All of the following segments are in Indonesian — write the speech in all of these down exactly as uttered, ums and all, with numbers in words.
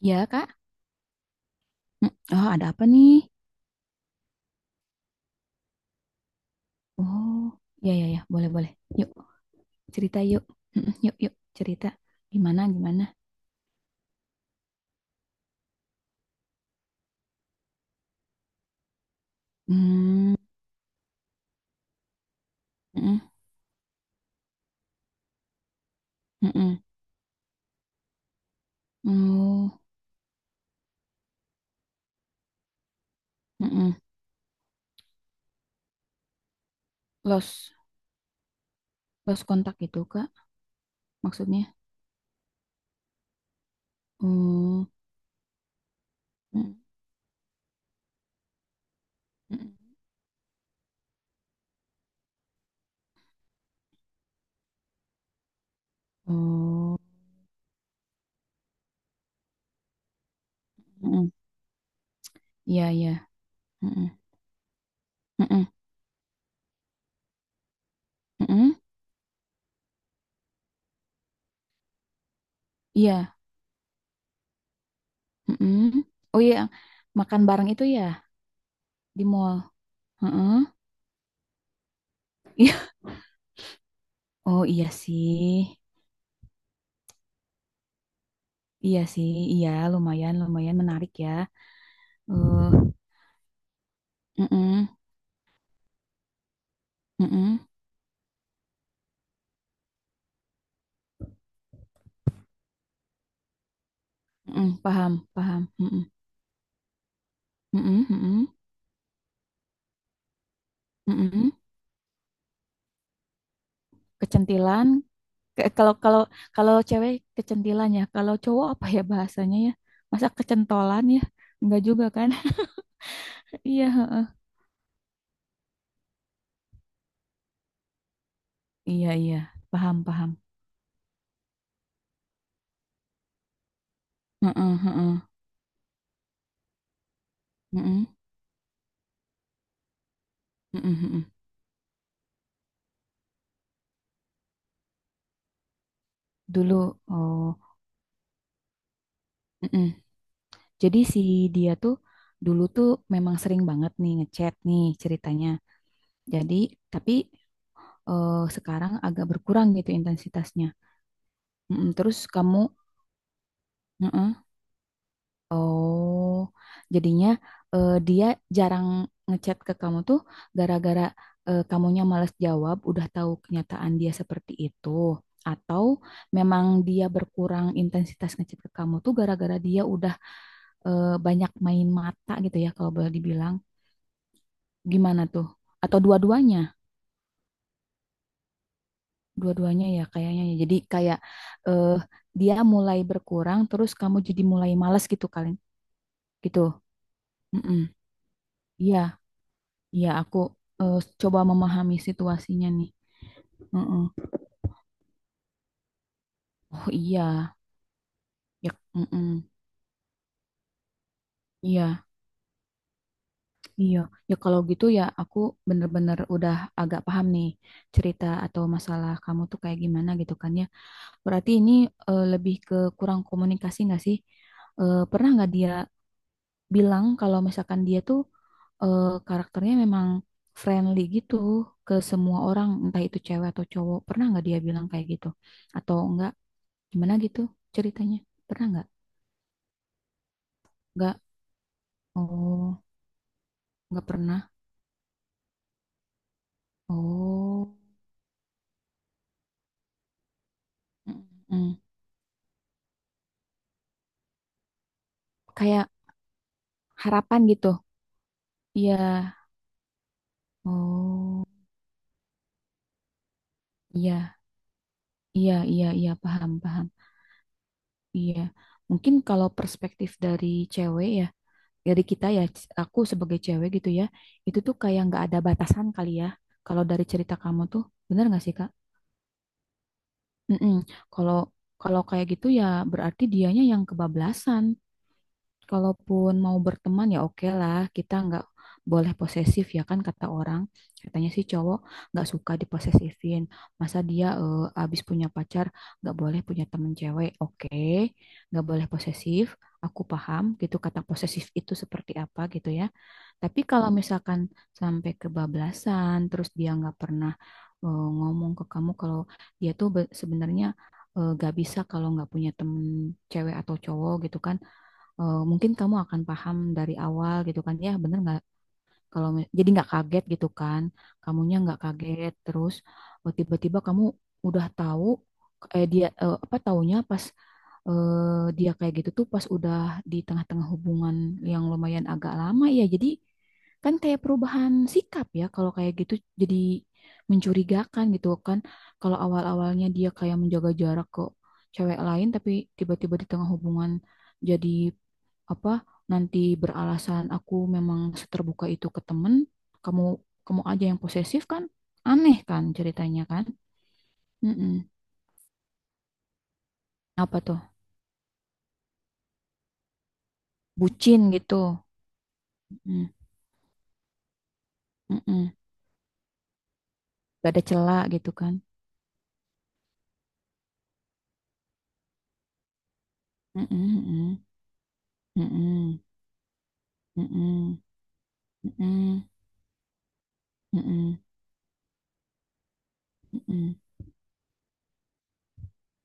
Ya, Kak. Hmm, Oh, ada apa nih? Oh, Ya, ya, ya. Boleh, boleh. Yuk, cerita yuk. mm Yuk, yuk, cerita. Gimana, gimana? hmm, mm-mm, mm mm. Oh, mm-mm. Los, los kontak gitu, Kak. Maksudnya. Oh, mm-mm, Oh, mm ya. Iya, iya, mm-mm, mm-mm, iya, mm Oh iya, makan bareng itu ya di mall. Heeh. Iya. Oh iya sih. Iya sih, iya lumayan lumayan menarik ya. Eh, mm-mm, mm-mm, mm-mm, paham, paham. Mm-mm, mm-mm, mm-mm, mm-mm. Kecentilan. Ke- kalau kalau kalau cewek kecentilan ya. Kalau cowok apa ya bahasanya ya? Masa kecentolan ya? Enggak juga kan? Iya, heeh. Iya, iya. Paham, paham. Heeh, heeh. Mm-mm, mm Dulu oh, mm Jadi si dia tuh dulu tuh memang sering banget nih ngechat nih ceritanya. Jadi, tapi eh, sekarang agak berkurang gitu intensitasnya. Mm-mm, terus kamu, mm-mm. oh, Jadinya eh, dia jarang ngechat ke kamu tuh gara-gara eh, kamunya males jawab, udah tahu kenyataan dia seperti itu. Atau memang dia berkurang intensitas ngechat ke kamu tuh gara-gara dia udah eh, banyak main mata gitu ya kalau boleh dibilang. Gimana tuh? Atau dua-duanya? Dua-duanya ya kayaknya. Ya. Jadi kayak eh dia mulai berkurang terus kamu jadi mulai malas gitu kali gitu. Mm-mm. Iya, iya aku eh, coba memahami situasinya nih. Mm-mm. Oh iya, ya mm-mm. Iya, iya. Ya kalau gitu ya aku bener-bener udah agak paham nih cerita atau masalah kamu tuh kayak gimana gitu kan ya. Berarti ini eh, lebih ke kurang komunikasi nggak sih? Eh, pernah nggak dia bilang kalau misalkan dia tuh eh, karakternya memang friendly gitu ke semua orang, entah itu cewek atau cowok. Pernah nggak dia bilang kayak gitu? Atau enggak? Gimana gitu ceritanya? Pernah nggak? Nggak. Oh, nggak pernah. Oh, Mm-mm. Kayak harapan gitu. Iya. Oh, iya, iya, iya, iya, paham, paham. Iya. Mungkin kalau perspektif dari cewek ya, dari kita ya aku sebagai cewek gitu ya itu tuh kayak nggak ada batasan kali ya kalau dari cerita kamu tuh bener nggak sih Kak? Mm-mm. Kalau kalau kayak gitu ya berarti dianya yang kebablasan. Kalaupun mau berteman ya oke lah, kita nggak boleh posesif ya kan, kata orang katanya sih cowok nggak suka diposesifin, masa dia eh, abis punya pacar nggak boleh punya temen cewek, oke nggak boleh posesif, aku paham gitu kata posesif itu seperti apa gitu ya, tapi kalau misalkan sampai kebablasan, terus dia nggak pernah eh, ngomong ke kamu kalau dia tuh be- sebenarnya eh, nggak bisa kalau nggak punya temen cewek atau cowok gitu kan. Eh, mungkin kamu akan paham dari awal gitu kan, ya bener nggak kalau mi- jadi nggak kaget gitu kan, kamunya nggak kaget terus eh, tiba-tiba kamu udah tahu eh dia eh, apa taunya pas eh, dia kayak gitu tuh pas udah di tengah-tengah hubungan yang lumayan agak lama ya. Jadi kan kayak perubahan sikap ya kalau kayak gitu jadi mencurigakan gitu kan. Kalau awal-awalnya dia kayak menjaga jarak ke cewek lain tapi tiba-tiba di tengah hubungan jadi apa nanti beralasan aku memang seterbuka itu ke temen, kamu kamu aja yang posesif kan? Aneh kan ceritanya kan? Mm-mm. Apa tuh? Bucin gitu. Mm, mm-mm. Gak ada celah gitu kan? Mm-mm, mm-mm, mm-mm, mm-mm, mm-mm, mm-mm,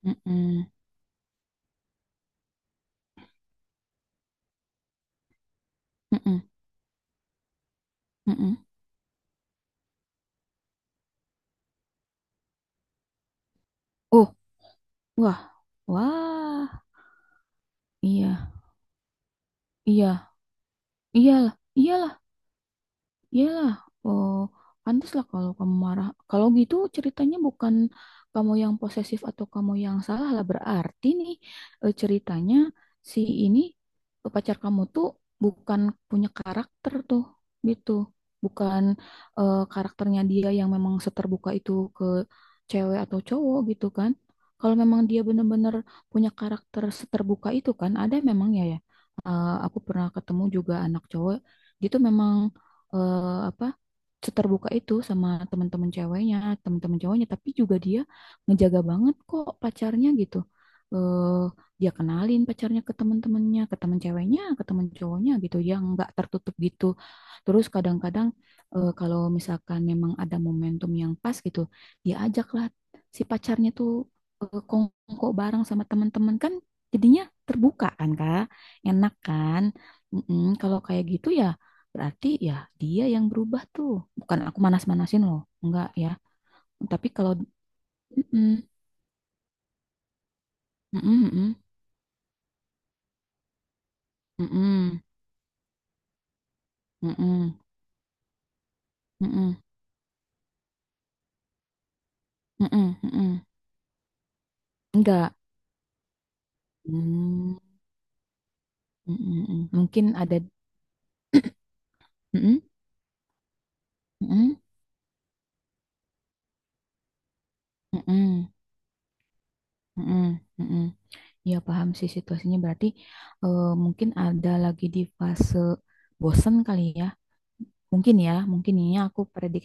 mm-mm, mm-mm, mm-mm, mm-mm. Oh, wah, wah, iya, iya, iya, iyalah, iyalah. Iyalah, oh, pantas lah kalau kamu marah. Kalau gitu ceritanya bukan kamu yang posesif atau kamu yang salah lah. Berarti nih eh, ceritanya si ini eh, pacar kamu tuh bukan punya karakter tuh gitu. Bukan eh, karakternya dia yang memang seterbuka itu ke cewek atau cowok gitu kan. Kalau memang dia benar-benar punya karakter seterbuka itu kan, ada memang ya ya. Eh, aku pernah ketemu juga anak cowok gitu memang eh, apa seterbuka itu sama teman-teman ceweknya, teman-teman cowoknya, tapi juga dia ngejaga banget kok pacarnya gitu. Eh, dia kenalin pacarnya ke teman-temannya, ke teman ceweknya, ke teman cowoknya gitu, yang nggak tertutup gitu. Terus kadang-kadang eh, kalau misalkan memang ada momentum yang pas gitu, dia ajaklah si pacarnya tuh eh, kongko bareng sama teman-teman kan jadinya terbuka kan Kak, enak kan. Mm-mm, kalau kayak gitu ya berarti ya dia yang berubah tuh. Bukan aku manas-manasin loh. Enggak ya. Tapi kalau Mm-mm, mm-mm, mm-mm, mm-mm, mm-mm, mm-mm, mm-mm, mm-mm. Enggak. Mm, mm-mm, mm. mm. Mungkin ada mm-mm, mm-mm, mm-mm, mm-mm, mm-mm. Ya paham sih situasinya berarti eh, mungkin ada lagi di fase bosen kali ya. Mungkin ya, mungkin ini aku predik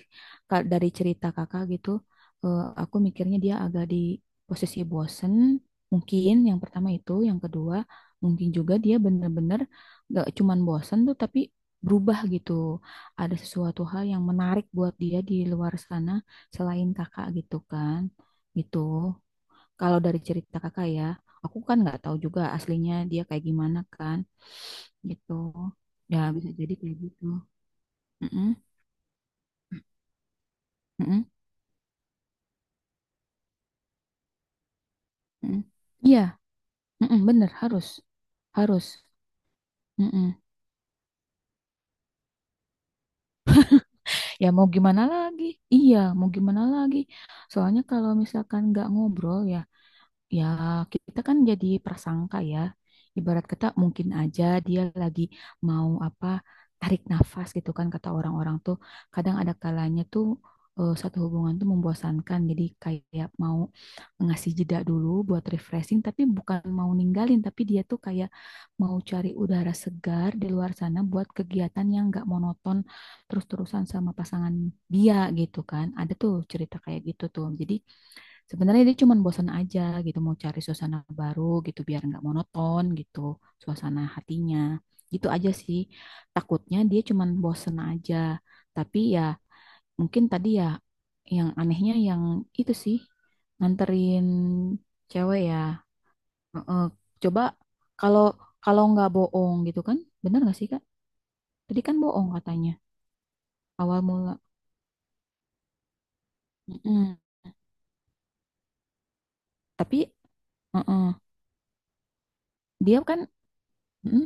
ka- dari cerita kakak gitu, eh, aku mikirnya dia agak di posisi bosen. Mungkin yang pertama itu, yang kedua mungkin juga dia bener-bener gak cuman bosen tuh, tapi berubah gitu. Ada sesuatu hal yang menarik buat dia di luar sana selain kakak gitu kan, gitu. Kalau dari cerita kakak ya, aku kan nggak tahu juga aslinya dia kayak gimana kan, gitu. Ya bisa jadi kayak gitu. Mm-mm. Mm-mm. Mm. Iya, mm-mm, bener harus, harus. Mm-mm. Ya mau gimana lagi? Iya, mau gimana lagi? Soalnya kalau misalkan nggak ngobrol ya, ya, kita kan jadi prasangka ya. Ibarat kata mungkin aja dia lagi mau apa tarik nafas gitu kan kata orang-orang tuh. Kadang ada kalanya tuh eh, satu hubungan tuh membosankan. Jadi kayak mau ngasih jeda dulu buat refreshing tapi bukan mau ninggalin tapi dia tuh kayak mau cari udara segar di luar sana buat kegiatan yang nggak monoton terus-terusan sama pasangan dia gitu kan. Ada tuh cerita kayak gitu tuh. Jadi sebenarnya dia cuma bosan aja gitu, mau cari suasana baru gitu biar nggak monoton gitu suasana hatinya. Gitu aja sih. Takutnya dia cuma bosan aja. Tapi ya mungkin tadi ya yang anehnya yang itu sih nganterin cewek ya. Heeh. Coba kalau kalau nggak bohong gitu kan, bener nggak sih Kak? Tadi kan bohong katanya awal mula. Mm-mm. Tapi mm-mm. dia kan mm-mm.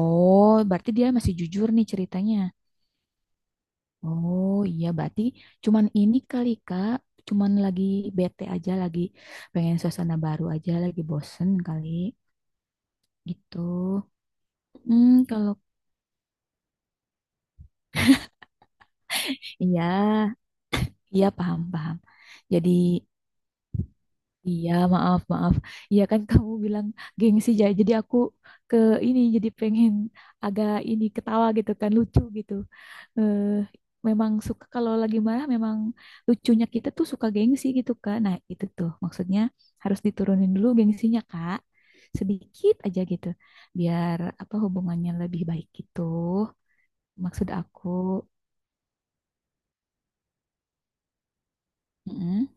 Oh, berarti dia masih jujur nih ceritanya. Oh iya, berarti cuman ini kali Kak, cuman lagi bete aja, lagi pengen suasana baru aja, lagi bosen kali gitu. Hmm, kalau iya, iya paham paham. Jadi iya, maaf, maaf. Iya kan kamu bilang gengsi ya. Jadi aku ke ini jadi pengen agak ini ketawa gitu kan lucu gitu. Eh, memang suka kalau lagi marah memang lucunya kita tuh suka gengsi gitu kan. Nah, itu tuh maksudnya harus diturunin dulu gengsinya, Kak. Sedikit aja gitu. Biar apa hubungannya lebih baik gitu. Maksud aku. Mm-mm.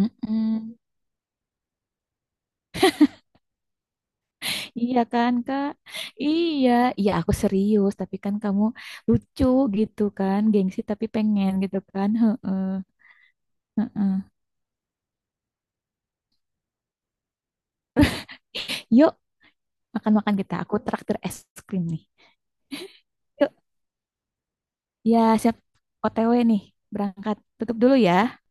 Mm-mm. Iya kan, Kak? Iya, iya aku serius, tapi kan kamu lucu gitu kan, gengsi tapi pengen gitu kan. Heeh, heeh. Yuk, makan-makan kita. Aku traktir es krim nih. Yuk, ya siap O T W nih, berangkat. Tutup dulu ya.